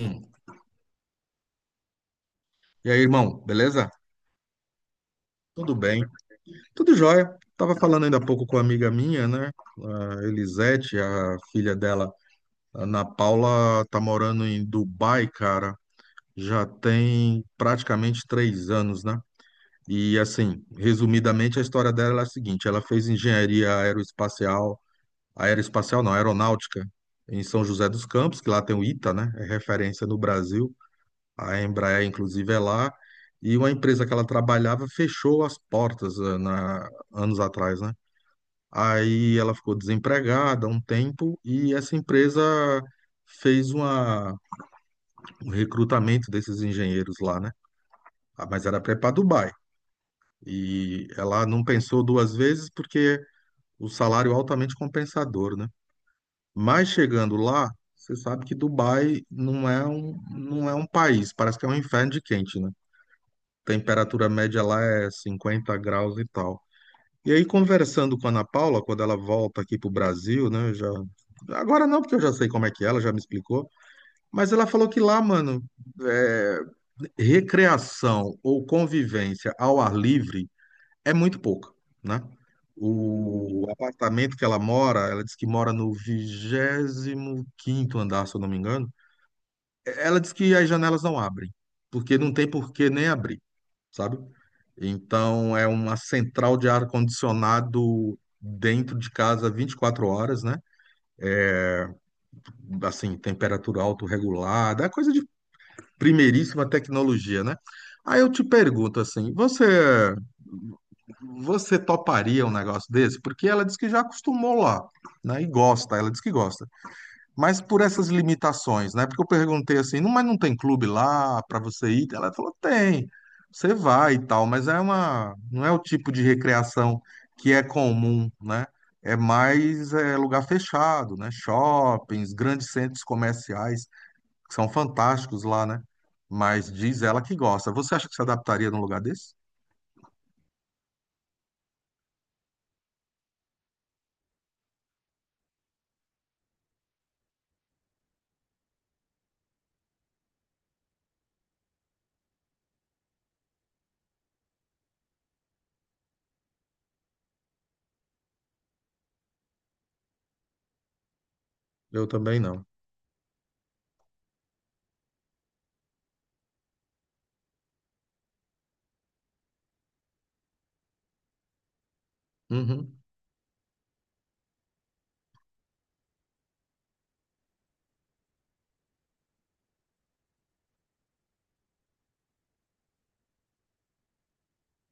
Hum. E aí, irmão, beleza? Tudo bem? Tudo jóia. Tava falando ainda há pouco com uma amiga minha, né? A Elisete, a filha dela, a Ana Paula, tá morando em Dubai, cara. Já tem praticamente 3 anos, né? E assim, resumidamente, a história dela é a seguinte: ela fez engenharia aeroespacial, aeroespacial não, aeronáutica, em São José dos Campos, que lá tem o ITA, né? É referência no Brasil. A Embraer, inclusive, é lá. E uma empresa que ela trabalhava fechou as portas anos atrás, né? Aí ela ficou desempregada há um tempo e essa empresa fez um recrutamento desses engenheiros lá, né? Ah, mas era para ir para Dubai. E ela não pensou duas vezes porque o salário é altamente compensador, né? Mas chegando lá, você sabe que Dubai não é um país, parece que é um inferno de quente, né? Temperatura média lá é 50 graus e tal. E aí, conversando com a Ana Paula, quando ela volta aqui para o Brasil, né? Agora não, porque eu já sei como é que é, ela já me explicou. Mas ela falou que lá, mano, é, recreação ou convivência ao ar livre é muito pouca, né? O apartamento que ela mora, ela disse que mora no 25º andar, se eu não me engano. Ela diz que as janelas não abrem, porque não tem por que nem abrir, sabe? Então é uma central de ar-condicionado dentro de casa 24 horas, né? Assim, temperatura autorregulada, é coisa de primeiríssima tecnologia, né? Aí eu te pergunto assim, você toparia um negócio desse? Porque ela diz que já acostumou lá, né? E gosta, ela diz que gosta. Mas por essas limitações, né? Porque eu perguntei assim, não, mas não tem clube lá para você ir? Ela falou, tem, você vai e tal, mas não é o tipo de recreação que é comum, né? É mais é, lugar fechado, né? Shoppings, grandes centros comerciais, que são fantásticos lá, né? Mas diz ela que gosta. Você acha que se adaptaria num lugar desse? Eu também não. Uhum.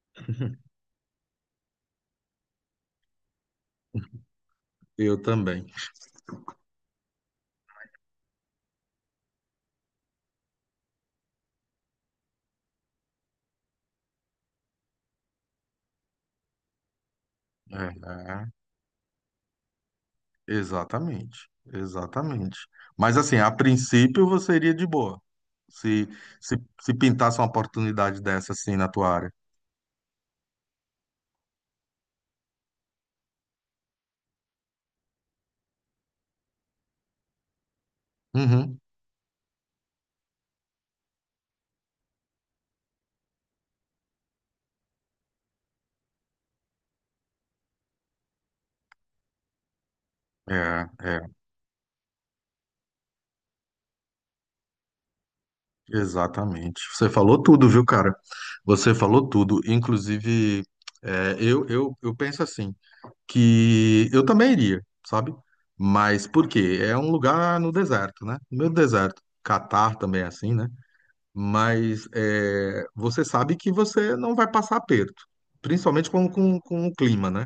Eu também. É. Exatamente, exatamente. Mas assim, a princípio você iria de boa, se, se, se pintasse uma oportunidade dessa assim na tua área. Uhum. É, é, exatamente. Você falou tudo, viu, cara? Você falou tudo. Inclusive, eu penso assim, que eu também iria, sabe? Mas por quê? É um lugar no deserto, né? No meio do deserto. Catar também é assim, né? Mas é, você sabe que você não vai passar aperto, principalmente com o clima, né?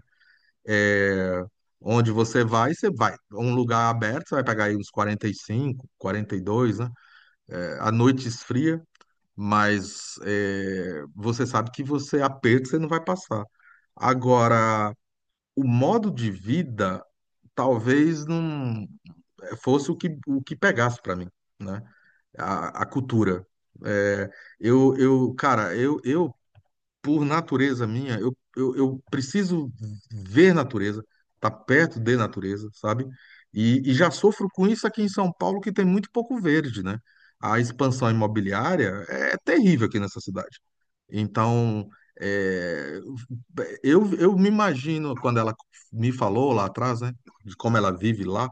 Eh, onde você vai, você vai. Um lugar aberto, você vai pegar aí uns 45, 42, né? É, a noite esfria, mas é, você sabe que você aperto, você não vai passar. Agora, o modo de vida talvez não fosse o que pegasse para mim, né? A cultura. É, cara, eu por natureza minha, eu preciso ver natureza, estar perto de natureza, sabe? E já sofro com isso aqui em São Paulo, que tem muito pouco verde, né? A expansão imobiliária é terrível aqui nessa cidade. Então, é, eu me imagino, quando ela me falou lá atrás, né, de como ela vive lá,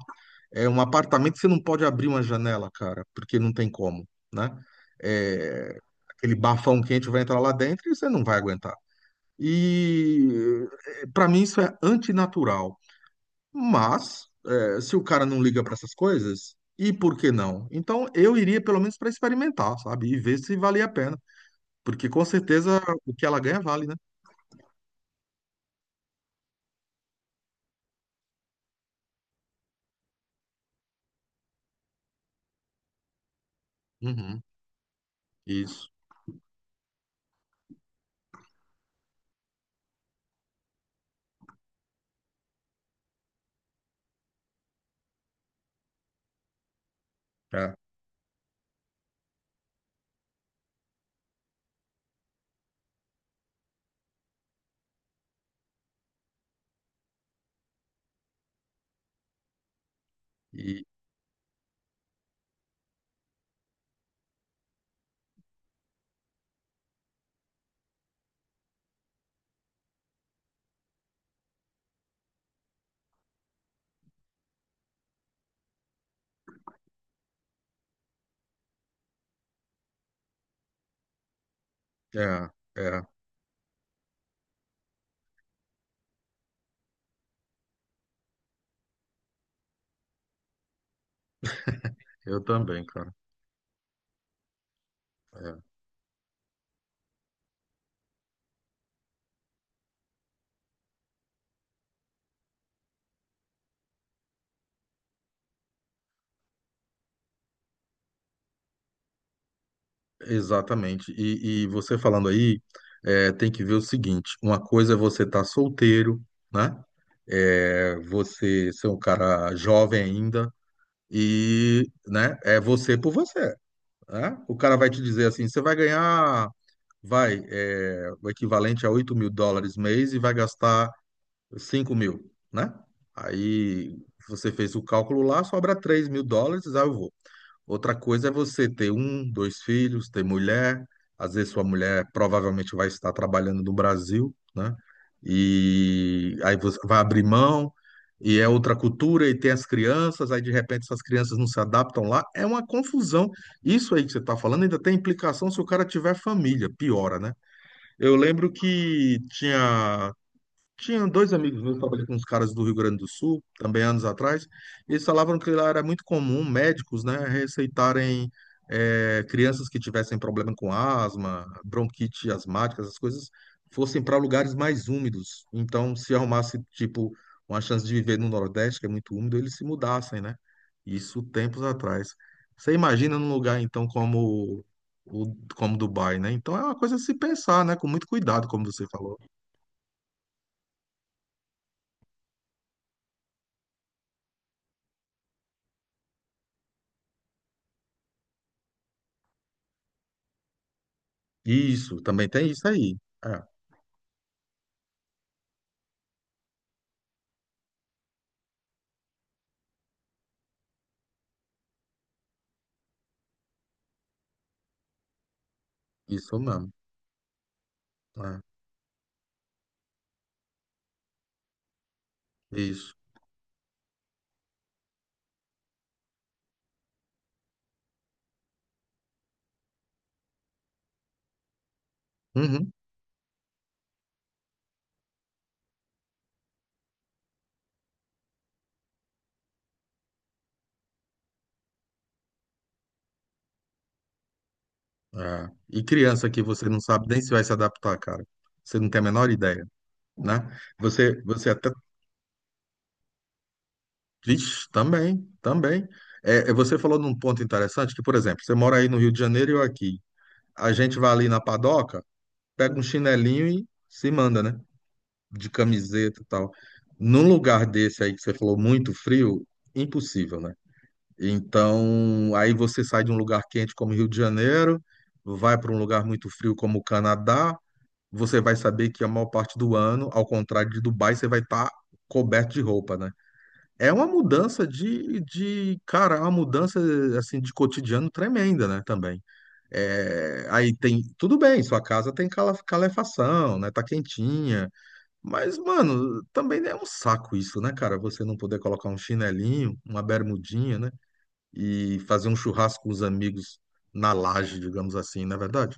é um apartamento que você não pode abrir uma janela, cara, porque não tem como, né? É, aquele bafão quente vai entrar lá dentro e você não vai aguentar. E para mim isso é antinatural. Mas é, se o cara não liga para essas coisas, e por que não? Então eu iria pelo menos para experimentar, sabe? E ver se valia a pena. Porque com certeza o que ela ganha vale, né? Uhum, isso. É. E é, é. Eu também, cara. É. Exatamente. E você falando aí, tem que ver o seguinte: uma coisa é você estar solteiro, né? É, você ser um cara jovem ainda, e, né, é você por você, né? O cara vai te dizer assim: você vai ganhar, vai, é, o equivalente a US$ 8.000 mês e vai gastar 5.000, né? Aí você fez o cálculo lá, sobra US$ 3.000, aí eu vou. Outra coisa é você ter um, dois filhos, ter mulher. Às vezes sua mulher provavelmente vai estar trabalhando no Brasil, né? E aí você vai abrir mão, e é outra cultura, e tem as crianças, aí de repente essas crianças não se adaptam lá. É uma confusão. Isso aí que você está falando ainda tem implicação se o cara tiver família, piora, né? Eu lembro que tinha dois amigos meus, trabalhei com uns caras do Rio Grande do Sul, também anos atrás, e eles falavam que lá era muito comum médicos, né, receitarem crianças que tivessem problema com asma, bronquite asmática, essas coisas, fossem para lugares mais úmidos. Então, se arrumasse, tipo, uma chance de viver no Nordeste, que é muito úmido, eles se mudassem, né? Isso tempos atrás. Você imagina num lugar, então, como, como Dubai, né? Então, é uma coisa a se pensar, né, com muito cuidado, como você falou. Isso, também tem isso aí. É, isso mesmo. É, isso. Uhum. É. E criança que você não sabe nem se vai se adaptar, cara. Você não tem a menor ideia, né? Você até. Vixe, também, também. É, é, você falou num ponto interessante que, por exemplo, você mora aí no Rio de Janeiro e eu aqui. A gente vai ali na padoca, pega um chinelinho e se manda, né? De camiseta e tal. Num lugar desse aí que você falou muito frio, impossível, né? Então, aí você sai de um lugar quente como Rio de Janeiro, vai para um lugar muito frio como o Canadá, você vai saber que a maior parte do ano, ao contrário de Dubai, você vai estar coberto de roupa, né? É uma mudança cara, é uma mudança assim de cotidiano tremenda, né? Também. É, aí tem, tudo bem, sua casa tem calefação, né? Tá quentinha, mas mano, também é um saco isso, né, cara? Você não poder colocar um chinelinho, uma bermudinha, né? E fazer um churrasco com os amigos na laje, digamos assim, não é verdade?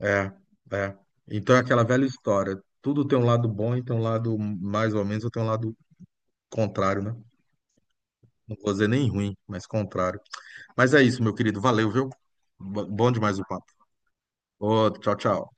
É, é. Então é aquela velha história. Tudo tem um lado bom e tem um lado mais ou menos, ou tem um lado contrário, né? Não vou dizer nem ruim, mas contrário. Mas é isso, meu querido. Valeu, viu? Bom demais o papo. Ô, tchau, tchau.